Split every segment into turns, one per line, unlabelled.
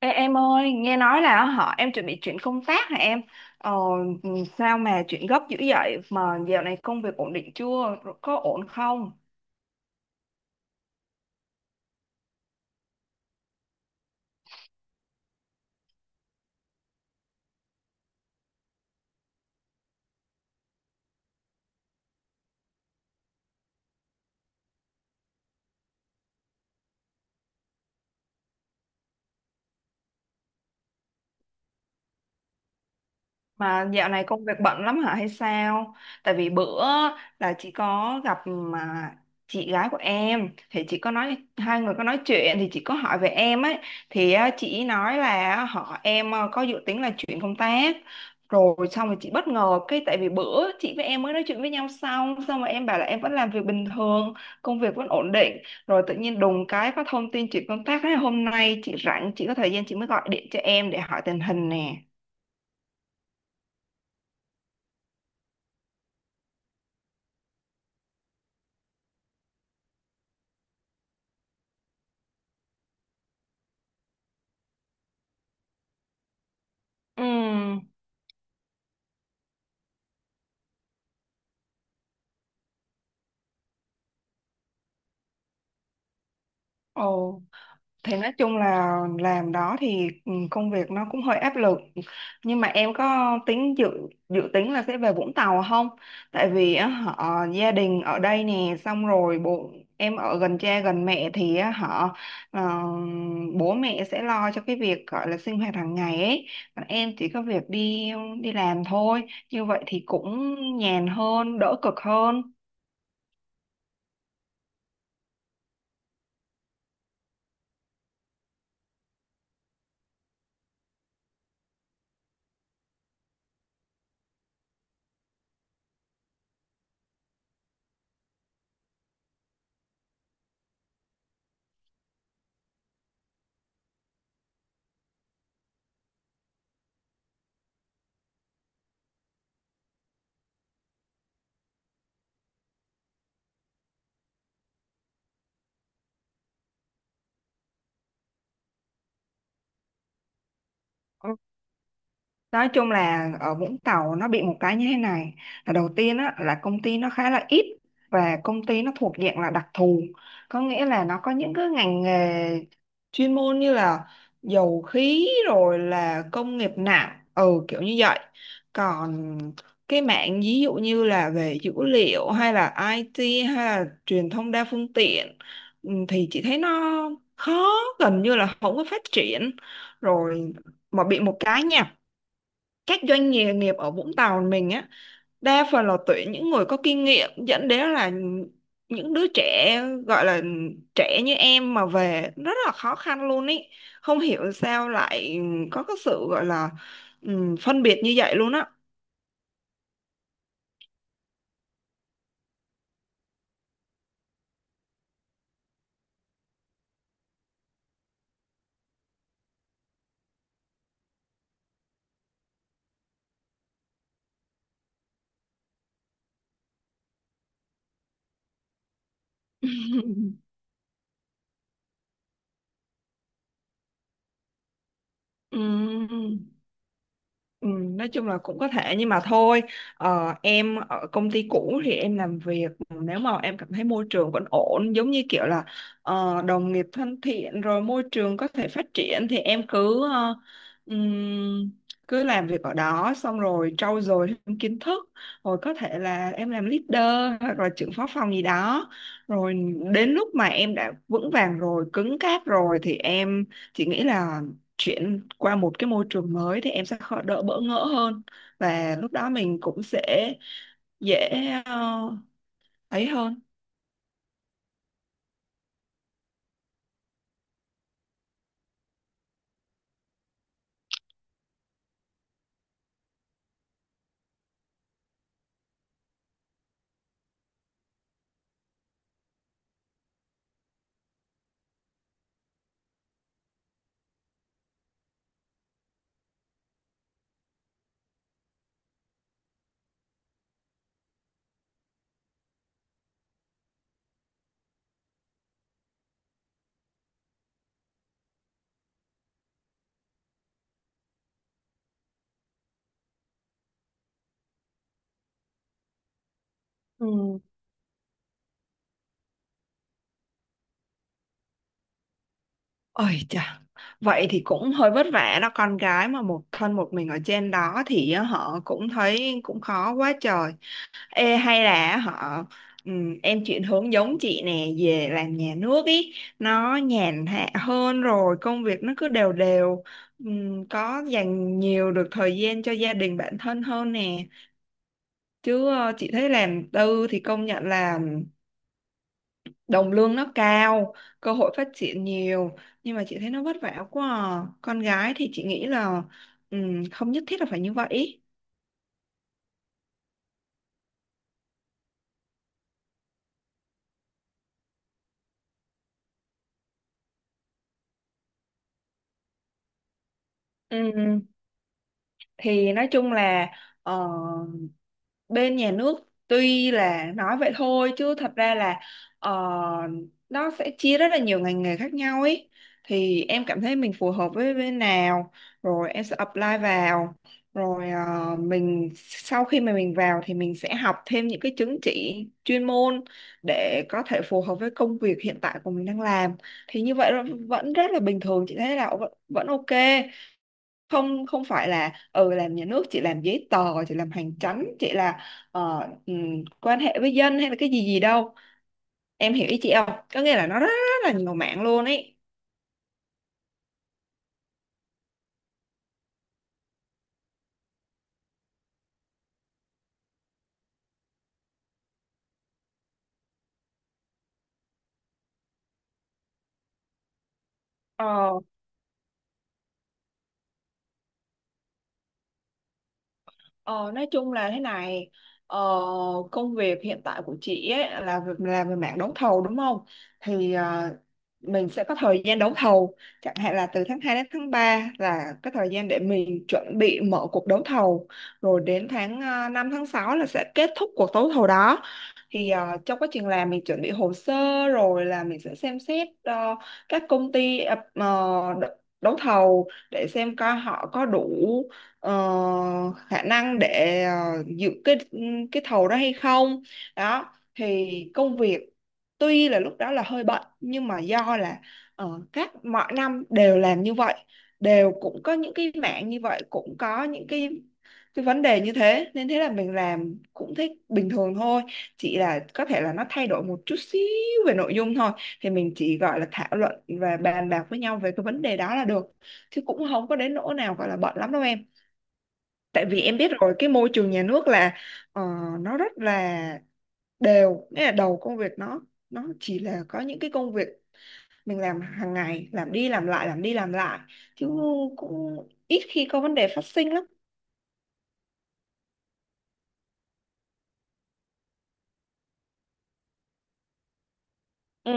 Ê, em ơi, nghe nói là họ em chuẩn bị chuyển công tác hả em? Ờ, ừ, Sao mà chuyển gấp dữ vậy? Mà dạo này công việc ổn định chưa? Có ổn không? Mà dạo này công việc bận lắm hả hay sao? Tại vì bữa là chị có gặp mà chị gái của em, thì chị có nói, hai người có nói chuyện, thì chị có hỏi về em ấy, thì á, chị nói là họ em có dự tính là chuyển công tác. Rồi xong rồi chị bất ngờ cái, tại vì bữa chị với em mới nói chuyện với nhau xong xong rồi em bảo là em vẫn làm việc bình thường, công việc vẫn ổn định, rồi tự nhiên đùng cái có thông tin chuyển công tác. Thế hôm nay chị rảnh, chị có thời gian, chị mới gọi điện cho em để hỏi tình hình nè. Ừ. Ồ, thì nói chung là làm đó thì công việc nó cũng hơi áp lực. Nhưng mà em có tính dự dự tính là sẽ về Vũng Tàu không? Tại vì á, họ gia đình ở đây nè, xong rồi bố em ở gần cha gần mẹ thì á, họ ờ, bố mẹ sẽ lo cho cái việc gọi là sinh hoạt hàng ngày ấy. Còn em chỉ có việc đi đi làm thôi. Như vậy thì cũng nhàn hơn, đỡ cực hơn. Nói chung là ở Vũng Tàu nó bị một cái như thế này, là đầu tiên á, là công ty nó khá là ít, và công ty nó thuộc dạng là đặc thù, có nghĩa là nó có những cái ngành nghề chuyên môn như là dầu khí, rồi là công nghiệp nặng, kiểu như vậy. Còn cái mạng ví dụ như là về dữ liệu, hay là IT, hay là truyền thông đa phương tiện, thì chị thấy nó khó, gần như là không có phát triển. Rồi mà bị một cái nha, các doanh nghề nghiệp ở Vũng Tàu mình á, đa phần là tuyển những người có kinh nghiệm, dẫn đến là những đứa trẻ, gọi là trẻ như em mà về rất là khó khăn luôn ý, không hiểu sao lại có cái sự gọi là phân biệt như vậy luôn á. Ừm. Ừ, nói chung là cũng có thể, nhưng mà thôi, em ở công ty cũ thì em làm việc, nếu mà em cảm thấy môi trường vẫn ổn, giống như kiểu là đồng nghiệp thân thiện, rồi môi trường có thể phát triển, thì em cứ ừm, cứ làm việc ở đó, xong rồi trau dồi thêm kiến thức, rồi có thể là em làm leader hoặc là trưởng phó phòng gì đó. Rồi đến lúc mà em đã vững vàng rồi, cứng cáp rồi, thì em chỉ nghĩ là chuyển qua một cái môi trường mới thì em sẽ khó, đỡ bỡ ngỡ hơn, và lúc đó mình cũng sẽ dễ ờ, ấy hơn. Ừ. Ôi chà, vậy thì cũng hơi vất vả đó, con gái mà một thân một mình ở trên đó thì họ cũng thấy cũng khó quá trời. Ê, hay là họ em chuyển hướng giống chị nè, về làm nhà nước ý, nó nhàn hạ hơn, rồi công việc nó cứ đều đều. Có dành nhiều được thời gian cho gia đình, bản thân hơn nè. Chứ chị thấy làm tư thì công nhận là đồng lương nó cao, cơ hội phát triển nhiều, nhưng mà chị thấy nó vất vả quá à. Con gái thì chị nghĩ là không nhất thiết là phải như vậy. Ừm, thì nói chung là bên nhà nước, tuy là nói vậy thôi, chứ thật ra là ờ, nó sẽ chia rất là nhiều ngành nghề khác nhau ấy. Thì em cảm thấy mình phù hợp với bên nào, rồi em sẽ apply vào. Rồi mình sau khi mà mình vào thì mình sẽ học thêm những cái chứng chỉ chuyên môn, để có thể phù hợp với công việc hiện tại của mình đang làm. Thì như vậy là vẫn rất là bình thường, chị thấy là vẫn vẫn ok. Không không phải là làm nhà nước chị làm giấy tờ, chị làm hành chánh, chị là ờ, quan hệ với dân hay là cái gì gì đâu. Em hiểu ý chị không, có nghĩa là nó rất, rất là nhiều mạng luôn ấy. ờ, ờ, nói chung là thế này, ờ, công việc hiện tại của chị ấy là làm về mảng đấu thầu đúng không. Thì mình sẽ có thời gian đấu thầu, chẳng hạn là từ tháng 2 đến tháng 3 là cái thời gian để mình chuẩn bị mở cuộc đấu thầu. Rồi đến tháng năm, tháng 6 là sẽ kết thúc cuộc đấu thầu đó. Thì trong quá trình làm mình chuẩn bị hồ sơ, rồi là mình sẽ xem xét các công ty đ- đấu thầu, để xem coi họ có đủ ờ, khả năng để dự cái thầu đó hay không. Đó, thì công việc tuy là lúc đó là hơi bận, nhưng mà do là các mọi năm đều làm như vậy, đều cũng có những cái mảng như vậy, cũng có những cái vấn đề như thế, nên thế là mình làm cũng thích, bình thường thôi. Chỉ là có thể là nó thay đổi một chút xíu về nội dung thôi, thì mình chỉ gọi là thảo luận và bàn bạc với nhau về cái vấn đề đó là được, chứ cũng không có đến nỗi nào gọi là bận lắm đâu em. Tại vì em biết rồi, cái môi trường nhà nước là ờ, nó rất là đều, nghĩa là đầu công việc nó chỉ là có những cái công việc mình làm hàng ngày, làm đi làm lại, làm đi làm lại, chứ cũng ít khi có vấn đề phát sinh lắm. Ừ.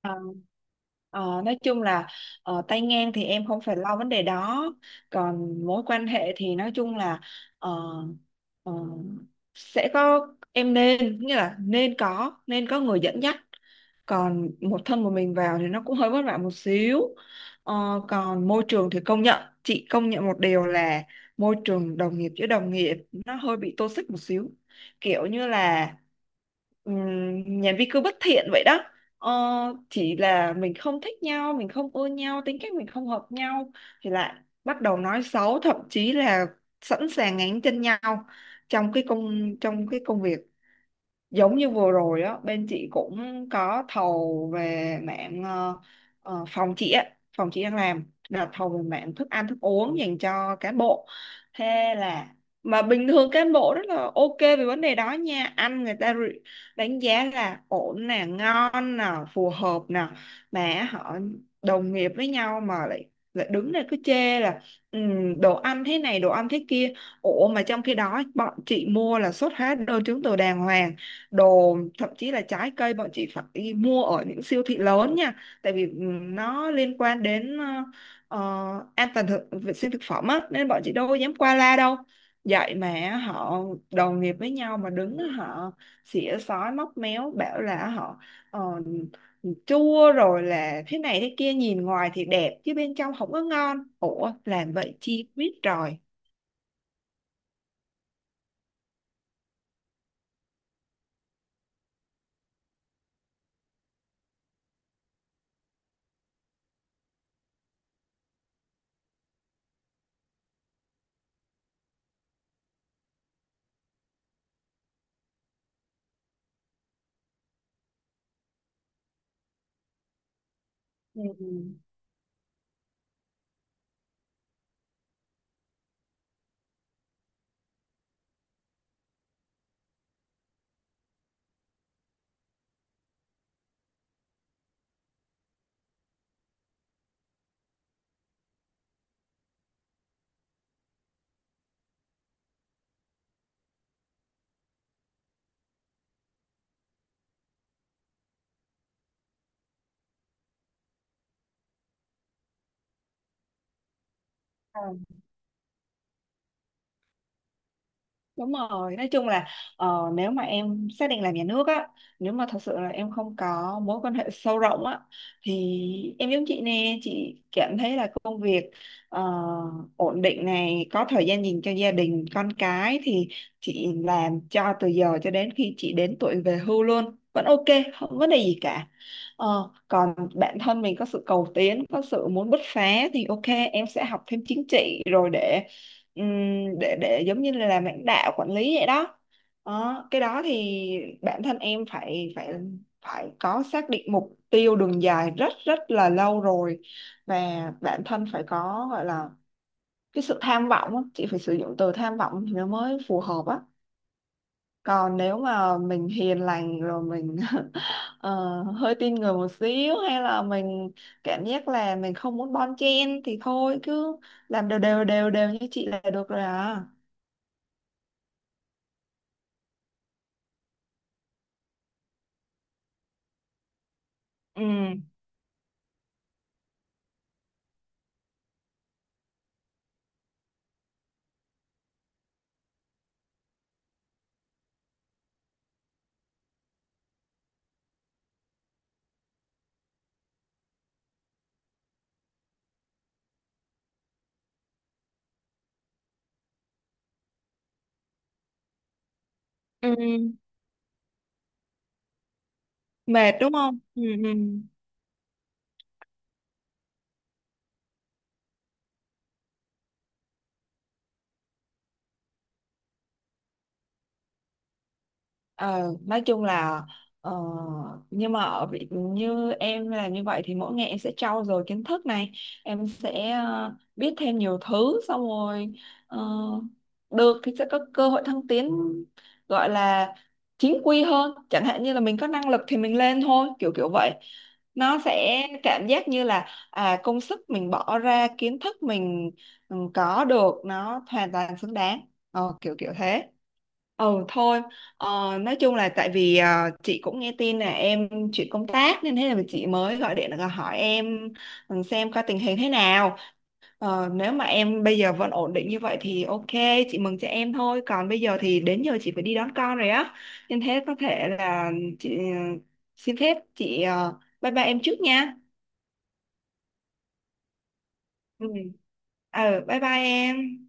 Ờ, nói chung là tay ngang thì em không phải lo vấn đề đó. Còn mối quan hệ thì nói chung là ờ, ờ, sẽ có, em nên, nghĩa là nên có người dẫn dắt. Còn một thân một mình vào thì nó cũng hơi vất vả một xíu. Còn môi trường thì công nhận, chị công nhận một điều là môi trường đồng nghiệp với đồng nghiệp nó hơi bị toxic một xíu, kiểu như là nhà vi cứ bất thiện vậy đó. Ờ, chỉ là mình không thích nhau, mình không ưa nhau, tính cách mình không hợp nhau, thì lại bắt đầu nói xấu, thậm chí là sẵn sàng ngáng chân nhau trong cái công việc. Giống như vừa rồi á, bên chị cũng có thầu về mạng phòng chị á, phòng chị đang làm là thầu về mạng thức ăn, thức uống dành cho cán bộ. Thế là, mà bình thường cán bộ rất là ok về vấn đề đó nha, ăn người ta đánh giá là ổn nè, ngon nè, phù hợp nè. Mà họ đồng nghiệp với nhau mà lại lại đứng đây cứ chê là "Ừ, đồ ăn thế này, đồ ăn thế kia." Ủa, mà trong khi đó bọn chị mua là xuất hóa đơn chứng từ đàng hoàng, đồ thậm chí là trái cây bọn chị phải đi mua ở những siêu thị lớn nha, tại vì nó liên quan đến an toàn thực, vệ sinh thực phẩm á, nên bọn chị đâu có dám qua la đâu. Vậy mà họ đồng nghiệp với nhau mà đứng họ xỉa xói móc méo bảo là họ ờ, chua rồi, là thế này thế kia, nhìn ngoài thì đẹp chứ bên trong không có ngon. Ủa làm vậy chi, biết rồi. Ừ. Đúng rồi, nói chung là nếu mà em xác định làm nhà nước á, nếu mà thật sự là em không có mối quan hệ sâu rộng á, thì em giống chị nè, chị cảm thấy là công việc ờ, ổn định này, có thời gian dành cho gia đình, con cái, thì chị làm cho từ giờ cho đến khi chị đến tuổi về hưu luôn, vẫn ok, không có vấn đề gì cả. Còn bản thân mình có sự cầu tiến, có sự muốn bứt phá thì ok, em sẽ học thêm chính trị rồi để Ừm, để giống như là làm lãnh đạo, quản lý vậy đó. Đó, cái đó thì bản thân em phải phải phải có xác định mục tiêu đường dài rất rất là lâu rồi, và bản thân phải có gọi là cái sự tham vọng á. Chị phải sử dụng từ tham vọng thì nó mới phù hợp á. Còn nếu mà mình hiền lành rồi mình hơi tin người một xíu, hay là mình cảm giác là mình không muốn bon chen, thì thôi cứ làm đều đều đều đều như chị là được rồi à. Ừ, ừ, mệt đúng không? Ừ, ừ. Ờ, nói chung là ờ, nhưng mà ở vị như em là như vậy thì mỗi ngày em sẽ trau dồi kiến thức này, em sẽ biết thêm nhiều thứ, xong rồi ờ, được thì sẽ có cơ hội thăng tiến, gọi là chính quy hơn, chẳng hạn như là mình có năng lực thì mình lên thôi, kiểu kiểu vậy. Nó sẽ cảm giác như là à, công sức mình bỏ ra, kiến thức mình có được, nó hoàn toàn xứng đáng, kiểu kiểu thế. Ừ, thôi. Nói chung là tại vì chị cũng nghe tin là em chuyển công tác nên thế là chị mới gọi điện là hỏi em, xem coi tình hình thế nào. Nếu mà em bây giờ vẫn ổn định như vậy thì ok, chị mừng cho em thôi. Còn bây giờ thì đến giờ chị phải đi đón con rồi á. Nên thế có thể là chị xin phép, chị bye bye em trước nha. Ừ. Bye bye em.